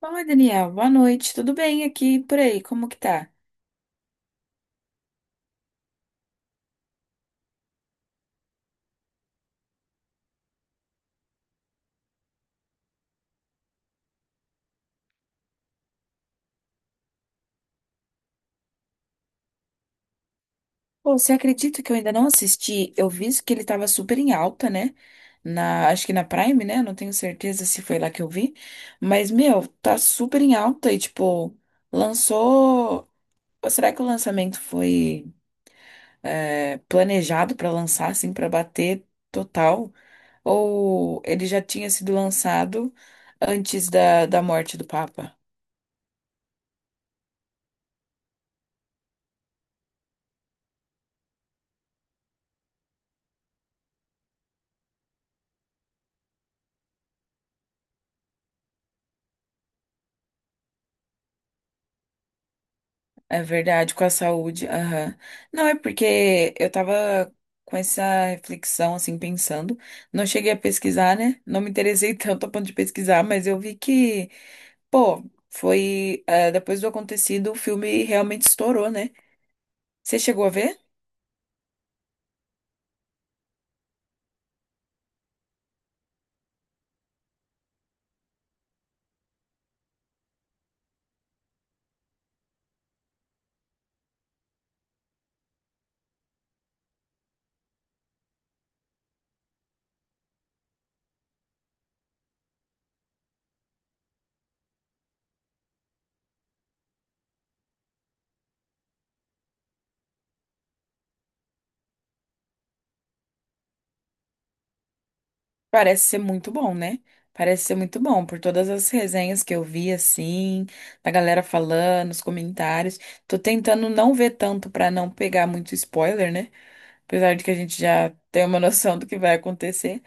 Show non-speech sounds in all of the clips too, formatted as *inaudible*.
Fala, Daniel. Boa noite. Tudo bem aqui e por aí? Como que tá? Pô, você acredita que eu ainda não assisti? Eu vi que ele tava super em alta, né? Na, acho que na Prime, né? Não tenho certeza se foi lá que eu vi. Mas, meu, tá super em alta e, tipo, lançou. Ou será que o lançamento foi planejado pra lançar, assim, pra bater total? Ou ele já tinha sido lançado antes da morte do Papa? É verdade, com a saúde. Aham. Não, é porque eu tava com essa reflexão, assim, pensando. Não cheguei a pesquisar, né? Não me interessei *laughs* tanto a ponto de pesquisar, mas eu vi que, pô, foi. Depois do acontecido, o filme realmente estourou, né? Você chegou a ver? Parece ser muito bom, né? Parece ser muito bom, por todas as resenhas que eu vi, assim, da galera falando, os comentários. Tô tentando não ver tanto pra não pegar muito spoiler, né? Apesar de que a gente já tem uma noção do que vai acontecer.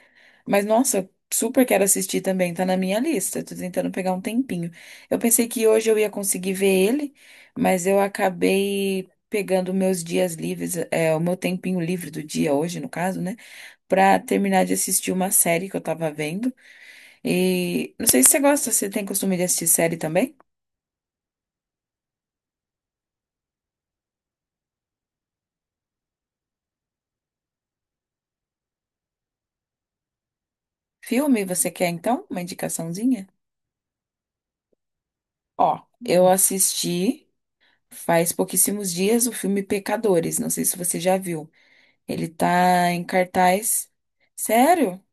Mas, nossa, eu super quero assistir também, tá na minha lista. Tô tentando pegar um tempinho. Eu pensei que hoje eu ia conseguir ver ele, mas eu acabei pegando meus dias livres, o meu tempinho livre do dia hoje, no caso, né? Pra terminar de assistir uma série que eu tava vendo. E não sei se você gosta, você tem costume de assistir série também? Filme, você quer então? Uma indicaçãozinha? Ó, eu assisti faz pouquíssimos dias o filme Pecadores, não sei se você já viu. Ele tá em cartaz. Sério?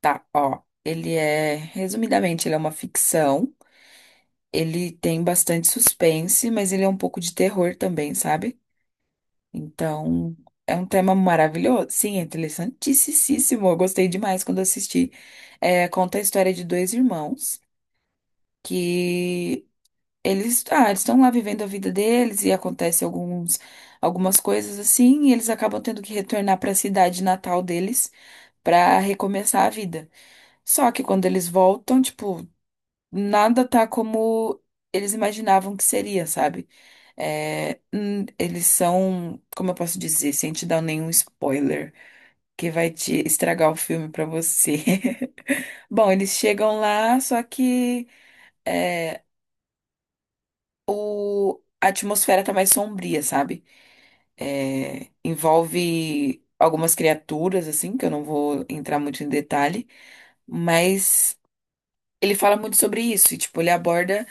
Tá, ó. Ele é, resumidamente, ele é uma ficção. Ele tem bastante suspense, mas ele é um pouco de terror também, sabe? Então, é um tema maravilhoso. Sim, é interessantíssimo. Eu gostei demais quando assisti. É, conta a história de dois irmãos que eles, ah, eles estão lá vivendo a vida deles e acontece alguns, algumas coisas assim, e eles acabam tendo que retornar para a cidade natal deles para recomeçar a vida. Só que quando eles voltam, tipo, nada tá como eles imaginavam que seria, sabe? Eles são, como eu posso dizer, sem te dar nenhum spoiler, que vai te estragar o filme para você. *laughs* Bom, eles chegam lá, só que é, a atmosfera tá mais sombria, sabe? É, envolve algumas criaturas, assim, que eu não vou entrar muito em detalhe, mas ele fala muito sobre isso, e, tipo, ele aborda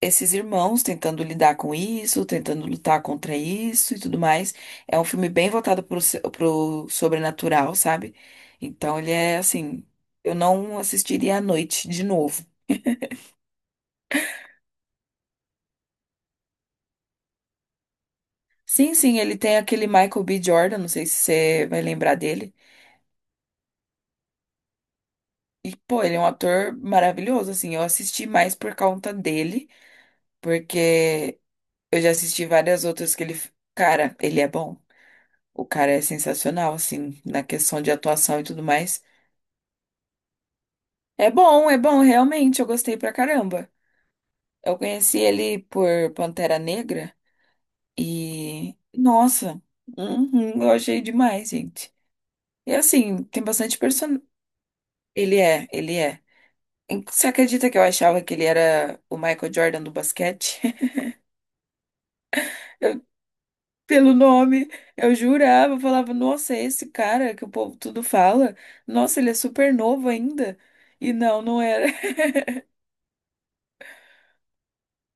esses irmãos tentando lidar com isso, tentando lutar contra isso e tudo mais. É um filme bem voltado pro, pro sobrenatural, sabe? Então ele é assim, eu não assistiria à noite de novo. Sim, sim, ele tem aquele Michael B. Jordan, não sei se você vai lembrar dele. E, pô, ele é um ator maravilhoso, assim. Eu assisti mais por conta dele, porque eu já assisti várias outras Cara, ele é bom. O cara é sensacional, assim, na questão de atuação e tudo mais. É bom, realmente. Eu gostei pra caramba. Eu conheci ele por Pantera Negra e. Nossa, uhum, eu achei demais, gente. E assim, tem bastante person... Ele é, ele é. Você acredita que eu achava que ele era o Michael Jordan do basquete? *laughs* Pelo nome. Eu jurava, eu falava, nossa, é esse cara que o povo tudo fala. Nossa, ele é super novo ainda. E não, não era. *laughs*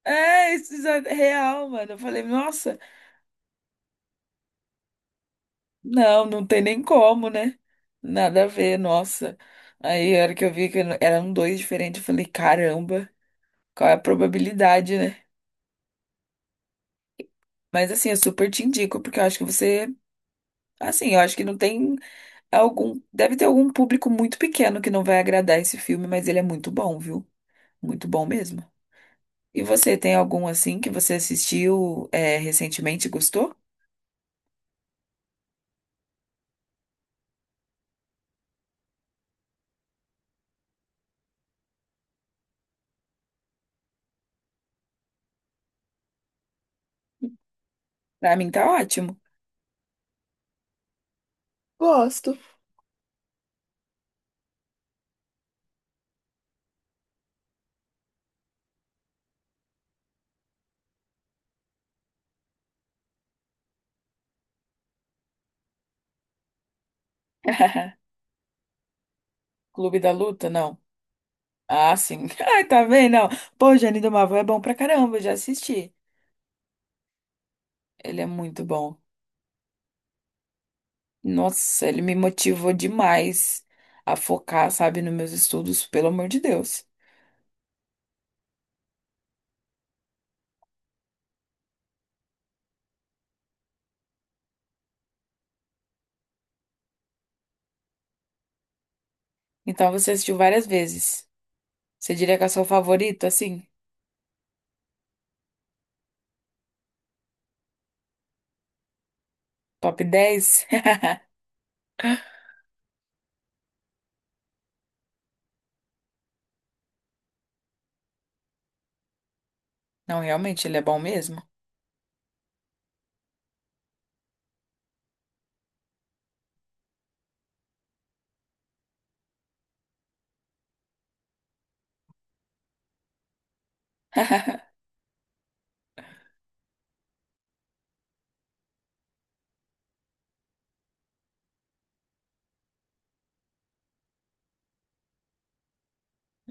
É, isso é real, mano. Eu falei, nossa, não, não tem nem como, né? Nada a ver, nossa. Aí, a hora que eu vi que eram dois diferentes, eu falei, caramba, qual é a probabilidade, né? Mas assim, eu super te indico, porque eu acho que você. Assim, eu acho que não tem algum. Deve ter algum público muito pequeno que não vai agradar esse filme, mas ele é muito bom, viu? Muito bom mesmo. E você, tem algum assim que você assistiu recentemente e gostou? Pra mim tá ótimo. *laughs* Gosto. Clube da Luta, não. Ah, sim. *laughs* Ai, tá vendo? Não. Pô, Jane do Marvel é bom pra caramba, eu já assisti. Ele é muito bom. Nossa, ele me motivou demais a focar, sabe, nos meus estudos, pelo amor de Deus. Então você assistiu várias vezes. Você diria que é o seu favorito, assim? Top 10? *laughs* Não, realmente, ele é bom mesmo. *laughs*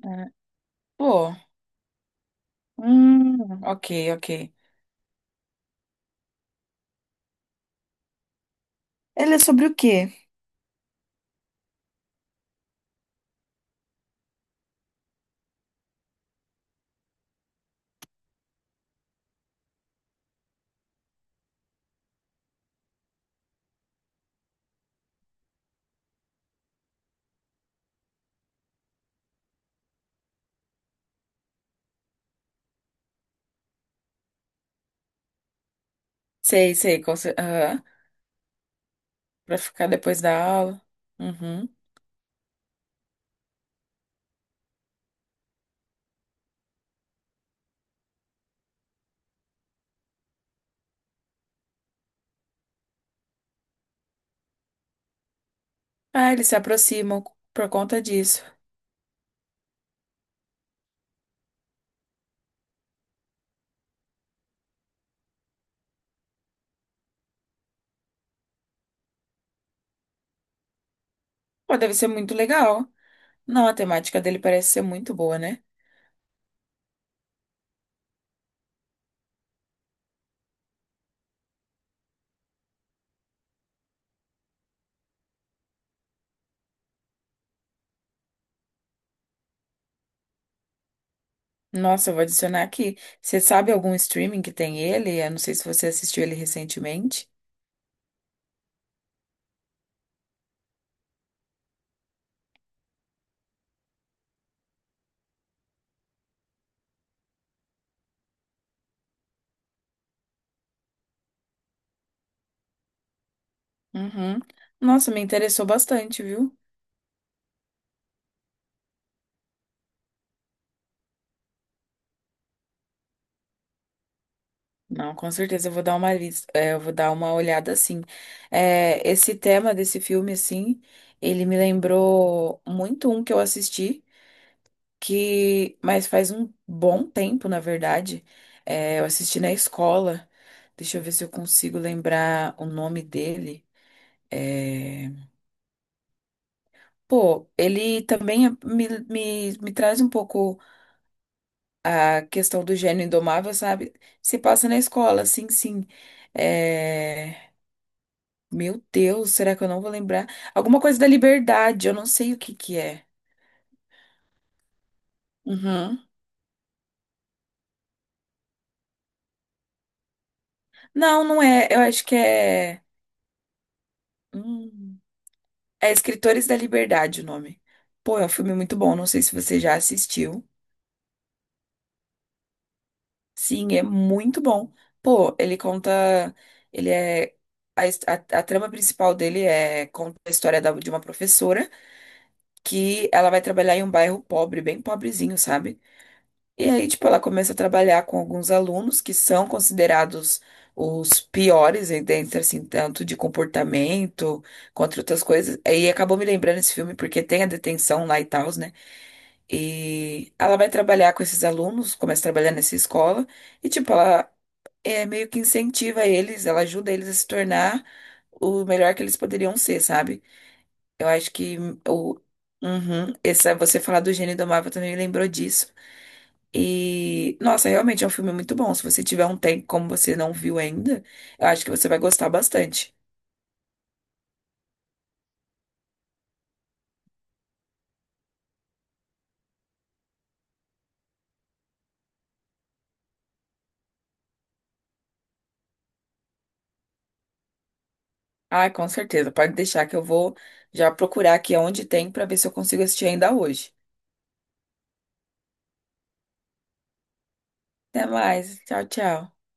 É. Pô, hum, ok, ok. Ele é sobre o quê? Sei, sei, com cer- aham, pra ficar depois da aula. Uhum. Ah, eles se aproximam por conta disso. Pô, deve ser muito legal. Não, a temática dele parece ser muito boa, né? Nossa, eu vou adicionar aqui. Você sabe algum streaming que tem ele? Eu não sei se você assistiu ele recentemente. Uhum. Nossa, me interessou bastante, viu? Não, com certeza eu vou dar uma lis- é, eu vou dar uma olhada assim. É, esse tema desse filme, assim, ele me lembrou muito um que eu assisti, que, mas faz um bom tempo, na verdade. É, eu assisti na escola. Deixa eu ver se eu consigo lembrar o nome dele. É... Pô, ele também me traz um pouco a questão do gênio indomável, sabe? Se passa na escola, sim, sim. É... Meu Deus, será que eu não vou lembrar? Alguma coisa da liberdade, eu não sei o que que é. Uhum. Não, não é. Eu acho que é. hum, É Escritores da Liberdade o nome. Pô, é um filme muito bom, não sei se você já assistiu. Sim, é muito bom. Pô, ele conta. Ele é. A, his- a, a trama principal dele é conta a história de uma professora que ela vai trabalhar em um bairro pobre, bem pobrezinho, sabe? E aí, tipo, ela começa a trabalhar com alguns alunos que são considerados os piores, e dentro, assim, tanto de comportamento quanto outras coisas. E acabou me lembrando esse filme porque tem a detenção lá e tal, né? E ela vai trabalhar com esses alunos, começa a trabalhar nessa escola. E, tipo, ela meio que incentiva eles, ela ajuda eles a se tornar o melhor que eles poderiam ser, sabe? Eu acho que o uhum, Essa você falar do Gênio Indomável também me lembrou disso. E nossa, realmente é um filme muito bom. Se você tiver um tempo como você não viu ainda, eu acho que você vai gostar bastante. Ah, com certeza. Pode deixar que eu vou já procurar aqui onde tem pra ver se eu consigo assistir ainda hoje. Até mais. Tchau, tchau.